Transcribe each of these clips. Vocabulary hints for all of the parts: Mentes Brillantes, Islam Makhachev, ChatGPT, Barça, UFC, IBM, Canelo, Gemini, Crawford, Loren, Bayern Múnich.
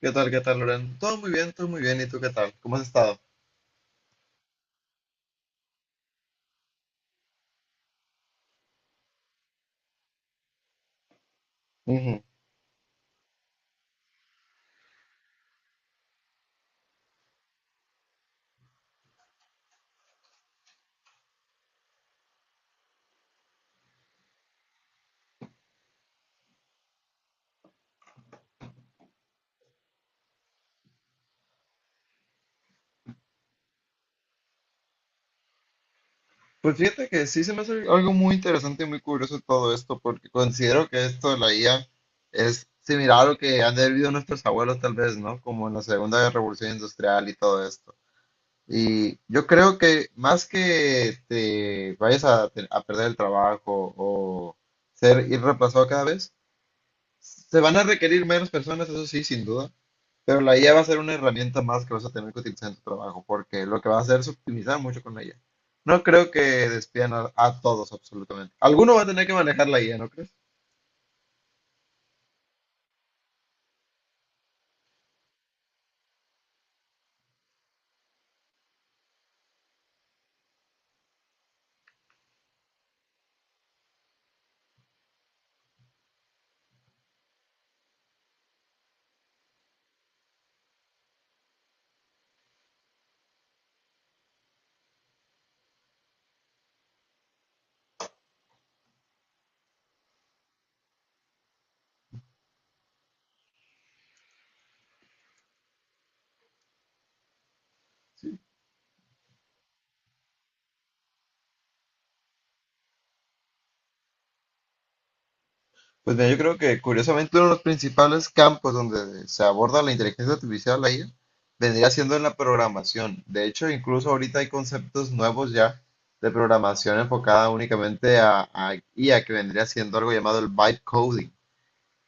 ¿Qué tal? ¿Qué tal, Loren? Todo muy bien, todo muy bien. ¿Y tú qué tal? ¿Cómo has estado? Ujú. Pues fíjate que sí, se me hace algo muy interesante y muy curioso todo esto, porque considero que esto de la IA es similar a lo que han vivido nuestros abuelos tal vez, ¿no? Como en la Segunda Revolución Industrial y todo esto. Y yo creo que más que te vayas a perder el trabajo o ser ir reemplazado cada vez, se van a requerir menos personas, eso sí, sin duda, pero la IA va a ser una herramienta más que vas a tener que utilizar en tu trabajo, porque lo que va a hacer es optimizar mucho con la IA. No creo que despidan a todos, absolutamente. Alguno va a tener que manejar la IA, ¿no crees? Pues mira, yo creo que curiosamente uno de los principales campos donde se aborda la inteligencia artificial, la IA, vendría siendo en la programación. De hecho, incluso ahorita hay conceptos nuevos ya de programación enfocada únicamente a IA, que vendría siendo algo llamado el byte coding.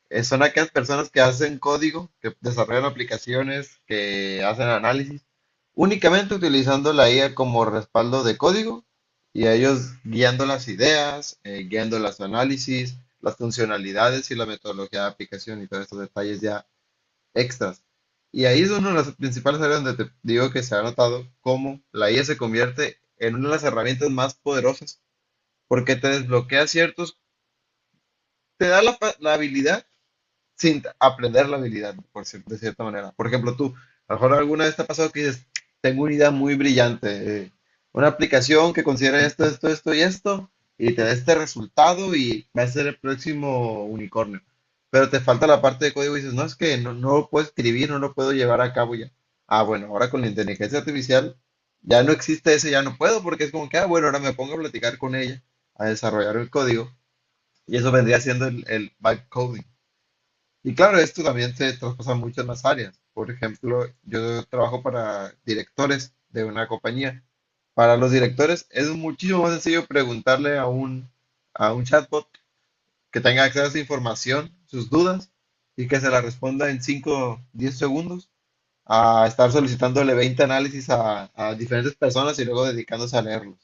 Son aquellas personas que hacen código, que desarrollan aplicaciones, que hacen análisis, únicamente utilizando la IA como respaldo de código y a ellos guiando las ideas, guiando los análisis, las funcionalidades y la metodología de aplicación y todos estos detalles ya extras. Y ahí es una de las principales áreas donde te digo que se ha notado cómo la IA se convierte en una de las herramientas más poderosas porque te desbloquea ciertos, te da la habilidad sin aprender la habilidad, de cierta manera. Por ejemplo, tú, a lo mejor alguna vez te ha pasado que dices, tengo una idea muy brillante, una aplicación que considera esto, esto, esto y esto, y te da este resultado y va a ser el próximo unicornio. Pero te falta la parte de código y dices, no, es que no lo puedo escribir, no lo puedo llevar a cabo ya. Ah, bueno, ahora con la inteligencia artificial ya no existe ese, ya no puedo, porque es como que, ah, bueno, ahora me pongo a platicar con ella, a desarrollar el código, y eso vendría siendo el vibe coding. Y claro, esto también se traspasa a muchas más áreas. Por ejemplo, yo trabajo para directores de una compañía. Para los directores es muchísimo más sencillo preguntarle a un chatbot que tenga acceso a esa información, sus dudas, y que se la responda en 5-10 segundos, a estar solicitándole 20 análisis a diferentes personas y luego dedicándose a leerlos.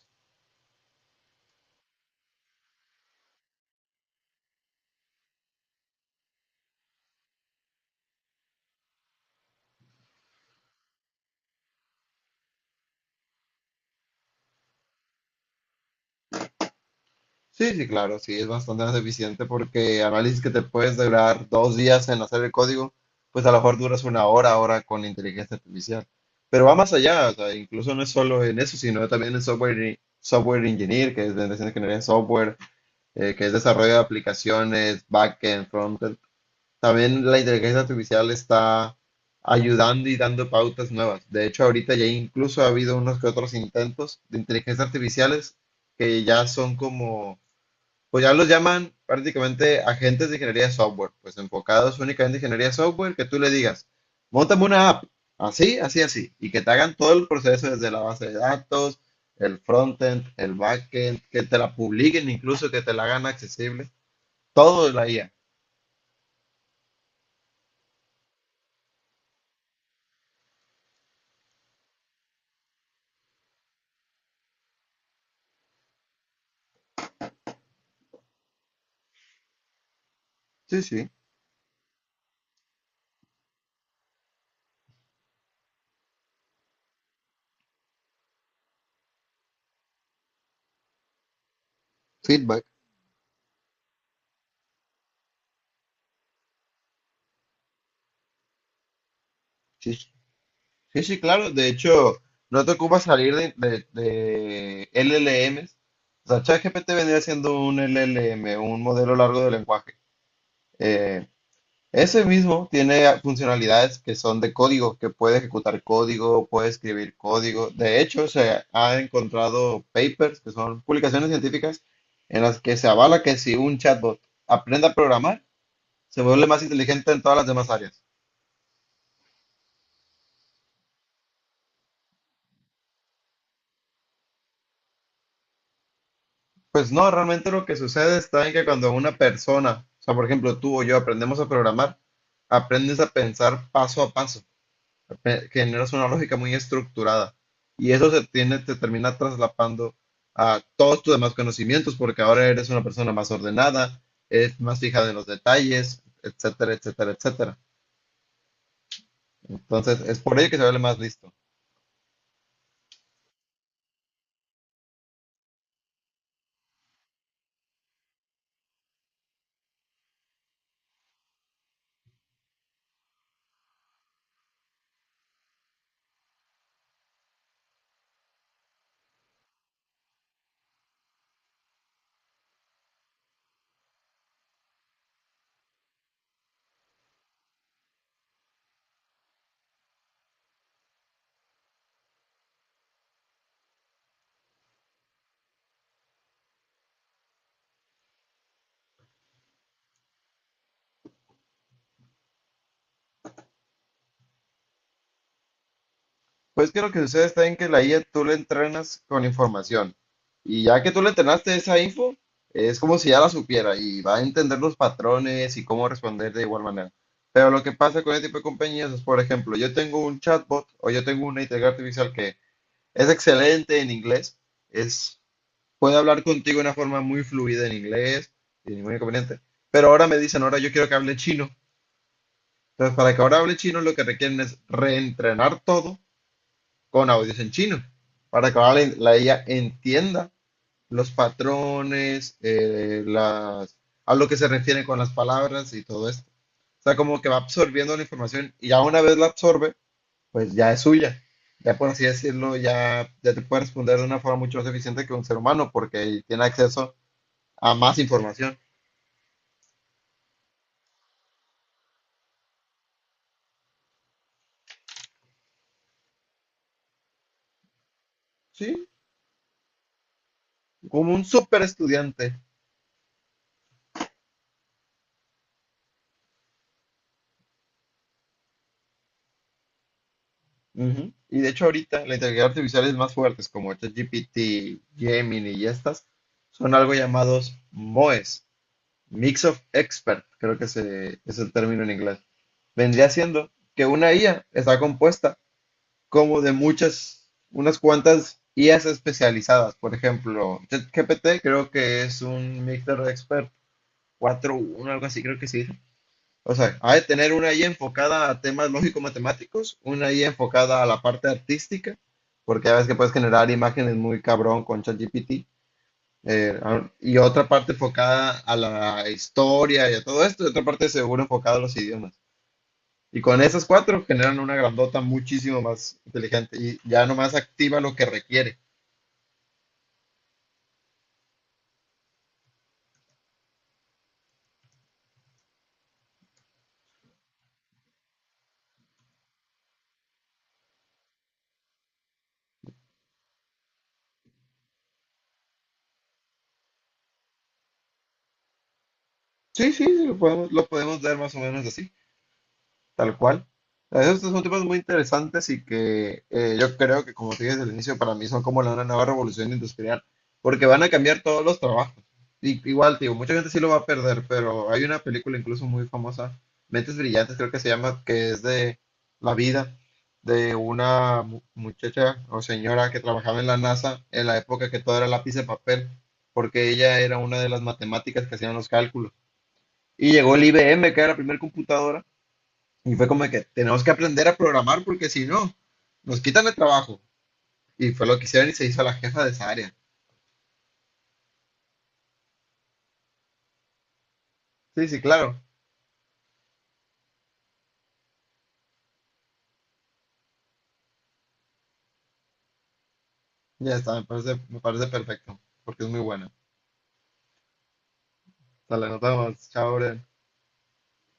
Sí, sí, claro, sí, es bastante más eficiente porque análisis que te puedes durar 2 días en hacer el código, pues a lo mejor duras una hora ahora con la inteligencia artificial. Pero va más allá, o sea, incluso no es solo en eso, sino también en software, software engineer, que es de ingeniería en software, que es desarrollo de aplicaciones, backend, frontend. También la inteligencia artificial está ayudando y dando pautas nuevas. De hecho, ahorita ya incluso ha habido unos que otros intentos de inteligencia artificiales que ya son como, pues ya los llaman prácticamente agentes de ingeniería software, pues enfocados únicamente en ingeniería software, que tú le digas, montame una app, así, así, así, y que te hagan todo el proceso desde la base de datos, el frontend, el backend, que te la publiquen incluso, que te la hagan accesible, todo de la IA. Sí, sí. Feedback. Sí, sí, sí, sí, claro. De hecho, no te ocupa salir de LLMs, o sea, ChatGPT vendría siendo un LLM, un modelo largo de lenguaje. Eh, Ese mismo tiene funcionalidades que son de código, que puede ejecutar código, puede escribir código. De hecho, se ha encontrado papers, que son publicaciones científicas, en las que se avala que si un chatbot aprende a programar, se vuelve más inteligente en todas las demás áreas. Pues no, realmente lo que sucede está en que cuando una persona, o sea, por ejemplo, tú o yo aprendemos a programar, aprendes a pensar paso a paso. Generas una lógica muy estructurada. Y eso se tiene, te termina traslapando a todos tus demás conocimientos, porque ahora eres una persona más ordenada, es más fijada en los detalles, etcétera, etcétera, etcétera. Entonces, es por ello que se vuelve más listo. Pues que lo que sucede está en que la IA tú la entrenas con información. Y ya que tú le entrenaste esa info, es como si ya la supiera y va a entender los patrones y cómo responder de igual manera. Pero lo que pasa con este tipo de compañías es, por ejemplo, yo tengo un chatbot o yo tengo una inteligencia artificial que es excelente en inglés, es, puede hablar contigo de una forma muy fluida en inglés, sin ningún inconveniente. Pero ahora me dicen, ahora yo quiero que hable chino. Entonces, para que ahora hable chino, lo que requieren es reentrenar todo con audios en chino, para que ahora la IA entienda los patrones, las, a lo que se refiere con las palabras y todo esto. O sea, como que va absorbiendo la información y ya una vez la absorbe, pues ya es suya. Ya por así decirlo, ya, ya te puede responder de una forma mucho más eficiente que un ser humano porque tiene acceso a más información. Sí, como un super estudiante. Ujú. Y de hecho ahorita la inteligencia artificial es más fuertes como ChatGPT, Gemini y estas son algo llamados MOEs, Mix of Expert, es el término en inglés. Vendría siendo que una IA está compuesta como de muchas, unas cuantas IAs especializadas. Por ejemplo, ChatGPT creo que es un Mixed Expert 4.1, algo así, creo que sí. O sea, hay de tener una ahí enfocada a temas lógico-matemáticos, una ahí enfocada a la parte artística, porque ya ves que puedes generar imágenes muy cabrón con ChatGPT, y otra parte enfocada a la historia y a todo esto, y otra parte seguro enfocada a los idiomas. Y con esas cuatro generan una grandota muchísimo más inteligente y ya nomás activa lo que requiere. Sí, sí, sí, lo podemos ver más o menos así. Tal cual. Esos son temas muy interesantes y que yo creo que, como te dije desde el inicio, para mí son como una nueva revolución industrial, porque van a cambiar todos los trabajos. Y, igual, te digo, mucha gente sí lo va a perder, pero hay una película incluso muy famosa, Mentes Brillantes, creo que se llama, que es de la vida de una muchacha o señora que trabajaba en la NASA en la época que todo era lápiz de papel, porque ella era una de las matemáticas que hacían los cálculos. Y llegó el IBM, que era la primera computadora, y fue como de que tenemos que aprender a programar porque si no, nos quitan el trabajo. Y fue lo que hicieron y se hizo la jefa de esa área. Sí, sí, claro. Ya está, me parece perfecto, porque es muy buena. Hasta la notamos. Chao, Bren.